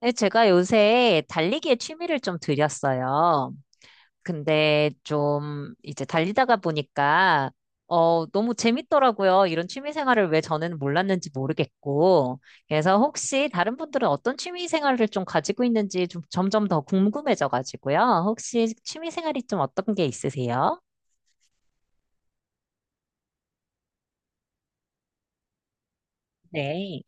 네, 제가 요새 달리기에 취미를 좀 들였어요. 근데 좀 이제 달리다가 보니까 너무 재밌더라고요. 이런 취미 생활을 왜 저는 몰랐는지 모르겠고. 그래서 혹시 다른 분들은 어떤 취미 생활을 좀 가지고 있는지 좀 점점 더 궁금해져 가지고요. 혹시 취미 생활이 좀 어떤 게 있으세요? 네.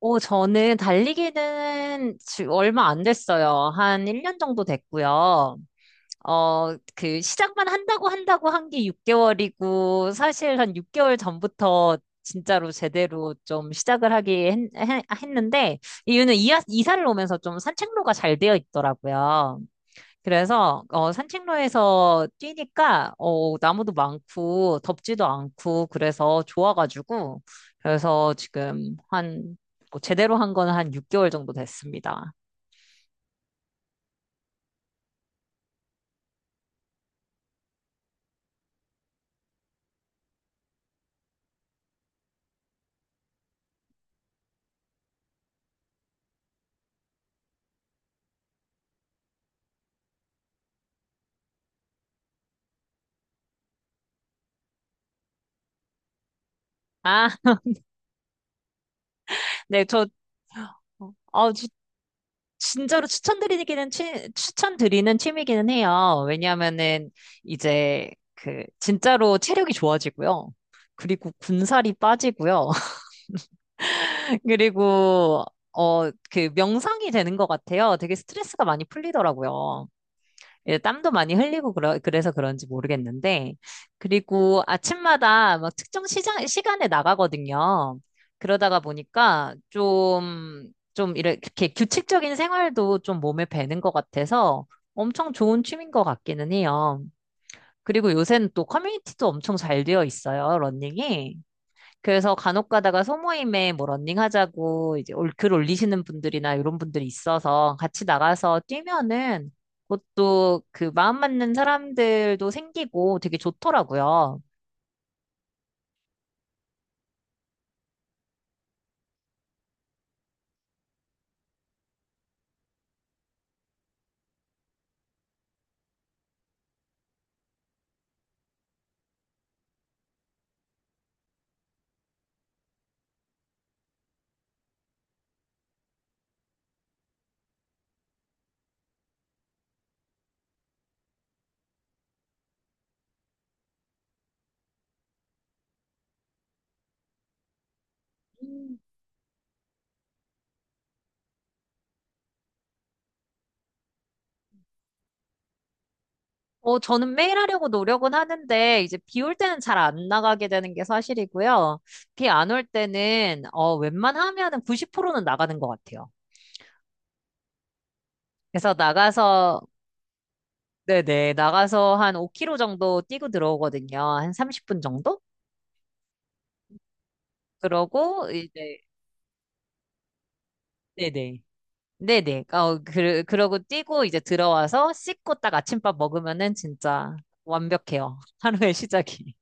오, 저는 달리기는 얼마 안 됐어요. 한 1년 정도 됐고요. 그 시작만 한다고 한 게 6개월이고 사실 한 6개월 전부터 진짜로 제대로 좀 시작을 하기 했는데 이유는 이사를 오면서 좀 산책로가 잘 되어 있더라고요. 그래서 산책로에서 뛰니까 나무도 많고 덥지도 않고 그래서 좋아가지고 그래서 지금 한뭐 제대로 한 거는 한 6개월 정도 됐습니다. 아, 네, 저, 어, 지- 진짜로 추천드리는 취미기는 해요. 왜냐하면은, 이제, 진짜로 체력이 좋아지고요. 그리고 군살이 빠지고요. 그리고, 명상이 되는 것 같아요. 되게 스트레스가 많이 풀리더라고요. 예, 땀도 많이 흘리고 그래서 그런지 모르겠는데, 그리고 아침마다 막 특정 시간에 나가거든요. 그러다가 보니까 좀 이렇게 규칙적인 생활도 좀 몸에 배는 것 같아서 엄청 좋은 취미인 것 같기는 해요. 그리고 요새는 또 커뮤니티도 엄청 잘 되어 있어요, 러닝이. 그래서 간혹 가다가 소모임에 뭐 러닝하자고 이제 글 올리시는 분들이나 이런 분들이 있어서 같이 나가서 뛰면은 그것도 그 마음 맞는 사람들도 생기고 되게 좋더라고요. 음. 저는 매일 하려고 노력은 하는데, 이제 비 올 때는 잘 안 나가게 되는 게 사실이고요. 비 안 올 때는, 웬만하면은 90%는 나가는 것 같아요. 그래서 나가서, 네네, 나가서 한 5km 정도 뛰고 들어오거든요. 한 30분 정도? 그러고 이제 네네. 네네. 그러고 뛰고 이제 들어와서 씻고 딱 아침밥 먹으면은 진짜 완벽해요. 하루의 시작이.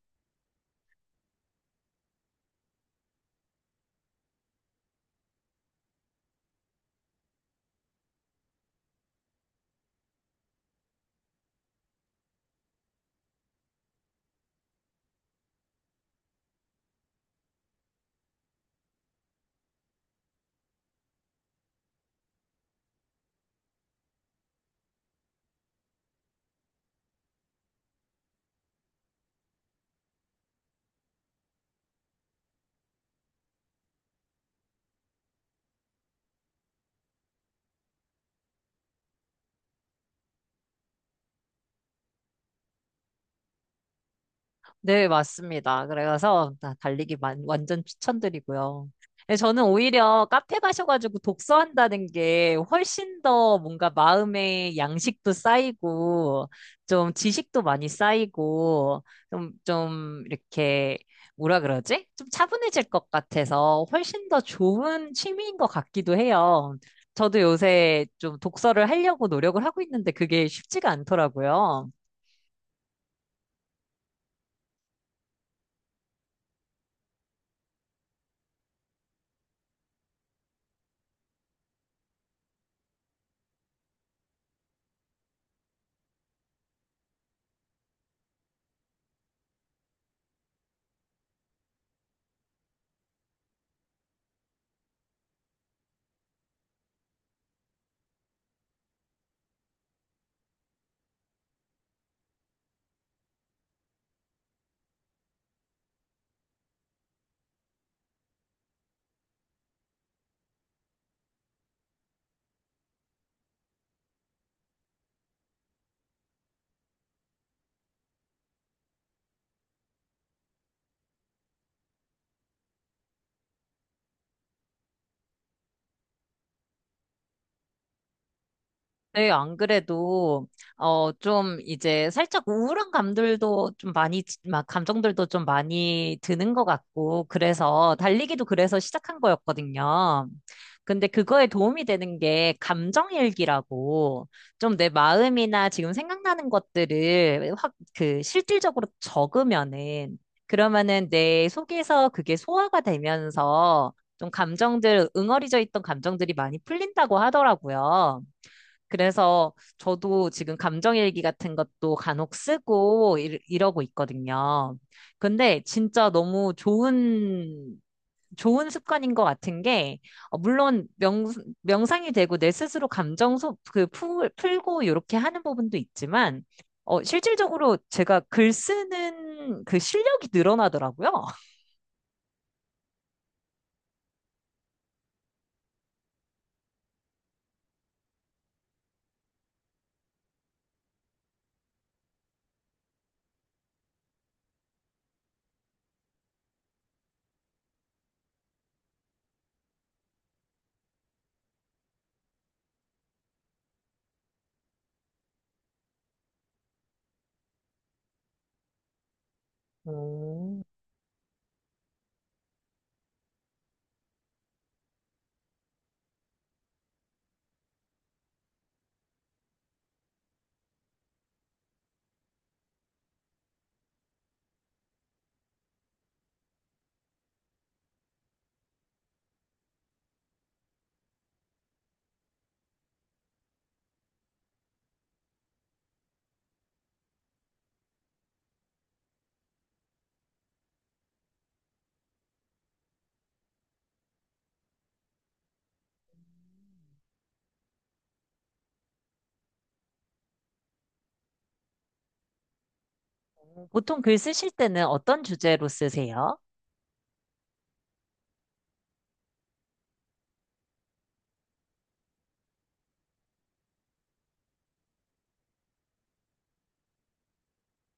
네, 맞습니다. 그래서 나 달리기 완전 추천드리고요. 네, 저는 오히려 카페 가셔가지고 독서한다는 게 훨씬 더 뭔가 마음의 양식도 쌓이고, 좀 지식도 많이 쌓이고, 좀 이렇게, 뭐라 그러지? 좀 차분해질 것 같아서 훨씬 더 좋은 취미인 것 같기도 해요. 저도 요새 좀 독서를 하려고 노력을 하고 있는데 그게 쉽지가 않더라고요. 네, 안 그래도, 좀, 이제, 살짝 우울한 감들도 좀 많이, 막, 감정들도 좀 많이 드는 것 같고, 그래서, 달리기도 그래서 시작한 거였거든요. 근데 그거에 도움이 되는 게, 감정일기라고, 좀 내 마음이나 지금 생각나는 것들을 실질적으로 적으면은, 그러면은 내 속에서 그게 소화가 되면서, 좀 응어리져 있던 감정들이 많이 풀린다고 하더라고요. 그래서 저도 지금 감정일기 같은 것도 간혹 쓰고 이러고 있거든요. 근데 진짜 너무 좋은 습관인 것 같은 게, 물론 명상이 되고 내 스스로 감정 풀고 이렇게 하는 부분도 있지만, 실질적으로 제가 글 쓰는 그 실력이 늘어나더라고요. 오, 보통 글 쓰실 때는 어떤 주제로 쓰세요?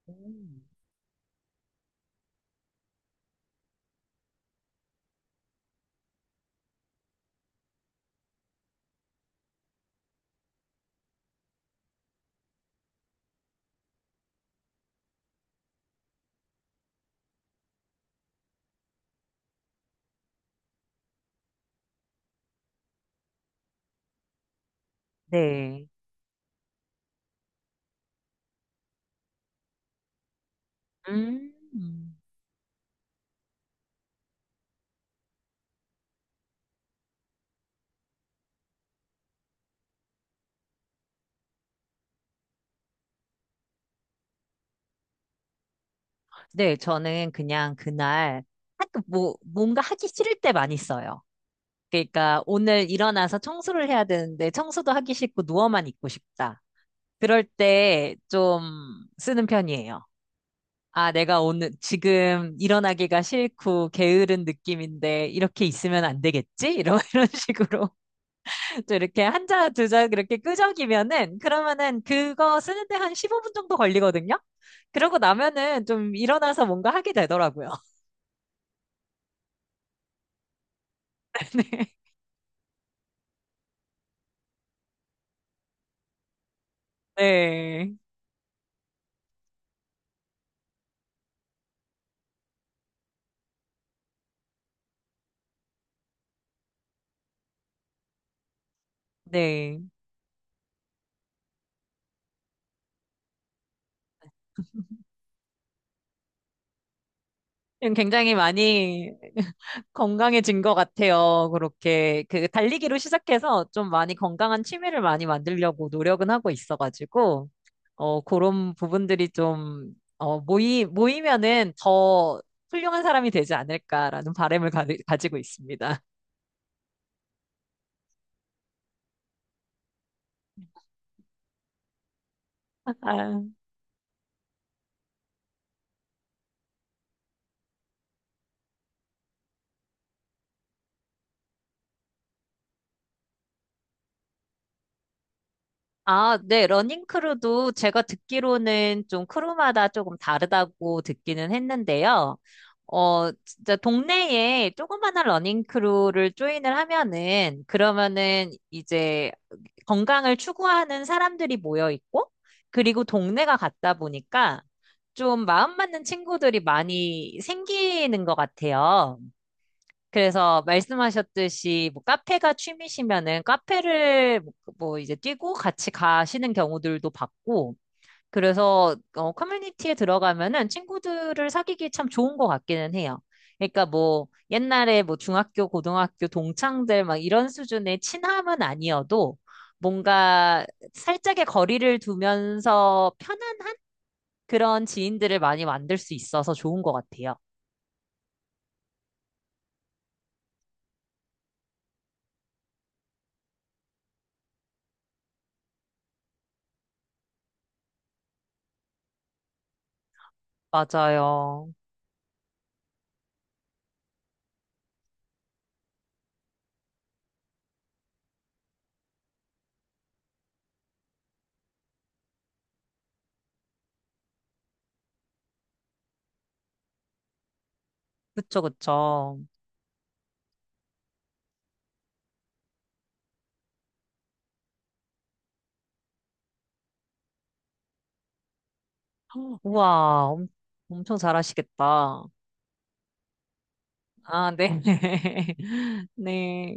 음. 네. 음. 네, 저는 그냥 그날 학교 뭐 뭔가 하기 싫을 때 많이 써요. 그러니까 오늘 일어나서 청소를 해야 되는데 청소도 하기 싫고 누워만 있고 싶다. 그럴 때 좀 쓰는 편이에요. 아, 내가 오늘 지금 일어나기가 싫고 게으른 느낌인데 이렇게 있으면 안 되겠지? 이런 이런 식으로 또 이렇게 한 자, 두 자 그렇게 끄적이면은 그러면은 그거 쓰는데 한 15분 정도 걸리거든요. 그러고 나면은 좀 일어나서 뭔가 하게 되더라고요. 네. 네. 지금 굉장히 많이 건강해진 것 같아요. 그렇게 그 달리기로 시작해서 좀 많이 건강한 취미를 많이 만들려고 노력은 하고 있어가지고, 그런 부분들이 좀, 모이면은 더 훌륭한 사람이 되지 않을까라는 바람을 가지고 있습니다. 아, 아, 네, 러닝 크루도 제가 듣기로는 좀 크루마다 조금 다르다고 듣기는 했는데요. 진짜 동네에 조그마한 러닝 크루를 조인을 하면은 그러면은 이제 건강을 추구하는 사람들이 모여 있고 그리고 동네가 같다 보니까 좀 마음 맞는 친구들이 많이 생기는 것 같아요. 그래서 말씀하셨듯이 뭐 카페가 취미시면은 카페를 뭐뭐 이제 뛰고 같이 가시는 경우들도 봤고 그래서 커뮤니티에 들어가면은 친구들을 사귀기 참 좋은 것 같기는 해요. 그러니까 뭐 옛날에 뭐 중학교, 고등학교 동창들 막 이런 수준의 친함은 아니어도 뭔가 살짝의 거리를 두면서 편안한 그런 지인들을 많이 만들 수 있어서 좋은 것 같아요. 맞아요. 그쵸, 그쵸. 우와, 엄청 잘하시겠다. 아, 네. 네.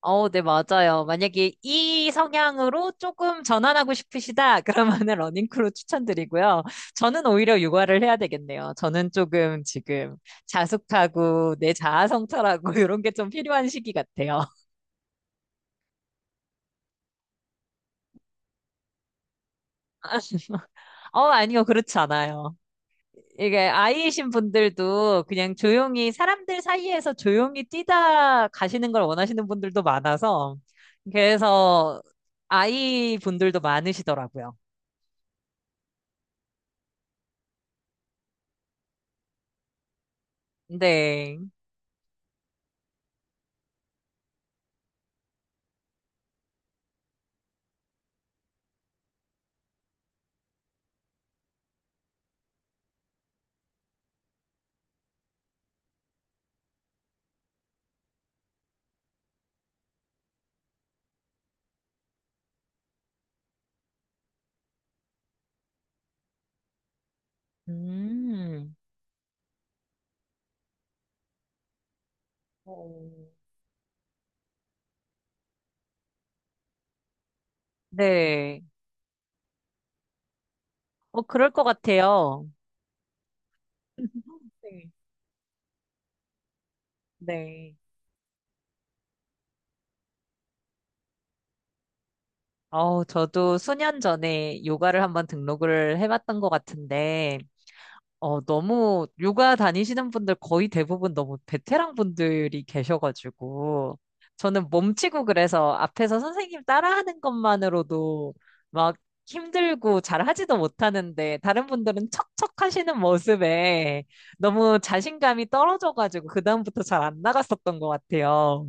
네, 맞아요. 만약에 이 성향으로 조금 전환하고 싶으시다, 그러면은 러닝크루 추천드리고요. 저는 오히려 육아를 해야 되겠네요. 저는 조금 지금 자숙하고 내 자아 성찰하고 이런 게 좀 필요한 시기 같아요. 아니요. 그렇지 않아요. 이게 아이이신 분들도 그냥 조용히 사람들 사이에서 조용히 뛰다 가시는 걸 원하시는 분들도 많아서 그래서 아이 분들도 많으시더라고요. 네. 음. 어, 네. 그럴 것 같아요. 네. 네. 저도 수년 전에 요가를 한번 등록을 해봤던 것 같은데, 너무 요가 다니시는 분들 거의 대부분 너무 베테랑 분들이 계셔가지고 저는 몸치고 그래서 앞에서 선생님 따라하는 것만으로도 막 힘들고 잘하지도 못하는데 다른 분들은 척척 하시는 모습에 너무 자신감이 떨어져가지고 그다음부터 잘 안 나갔었던 것 같아요.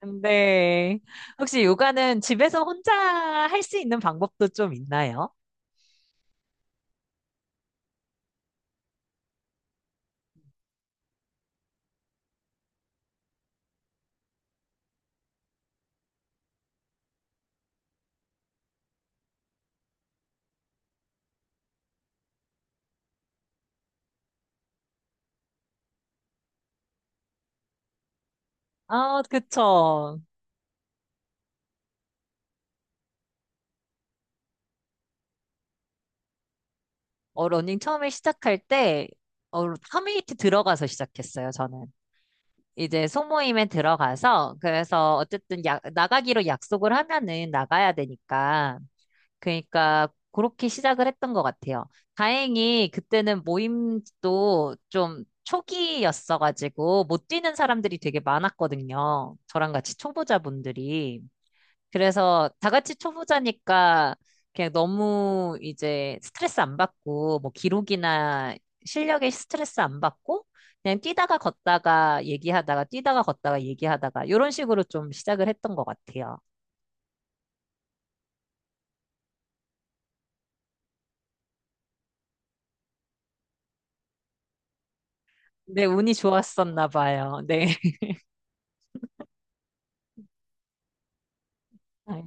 근데 혹시 요가는 집에서 혼자 할 수 있는 방법도 좀 있나요? 아, 그쵸. 러닝 처음에 시작할 때, 커뮤니티 들어가서 시작했어요, 저는. 이제 소모임에 들어가서, 그래서 어쨌든 나가기로 약속을 하면은 나가야 되니까. 그러니까 그렇게 시작을 했던 것 같아요. 다행히 그때는 모임도 좀 초기였어가지고 못 뛰는 사람들이 되게 많았거든요. 저랑 같이 초보자분들이. 그래서 다 같이 초보자니까 그냥 너무 이제 스트레스 안 받고 뭐 기록이나 실력에 스트레스 안 받고 그냥 뛰다가 걷다가 얘기하다가 뛰다가 걷다가 얘기하다가 이런 식으로 좀 시작을 했던 것 같아요. 네, 운이 좋았었나 봐요. 네. 아유,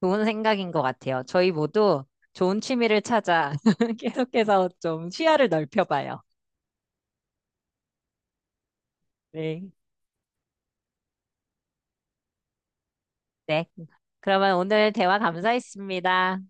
좋은 생각인 것 같아요. 저희 모두 좋은 취미를 찾아 계속해서 좀 시야를 넓혀봐요. 네. 네. 그러면 오늘 대화 감사했습니다.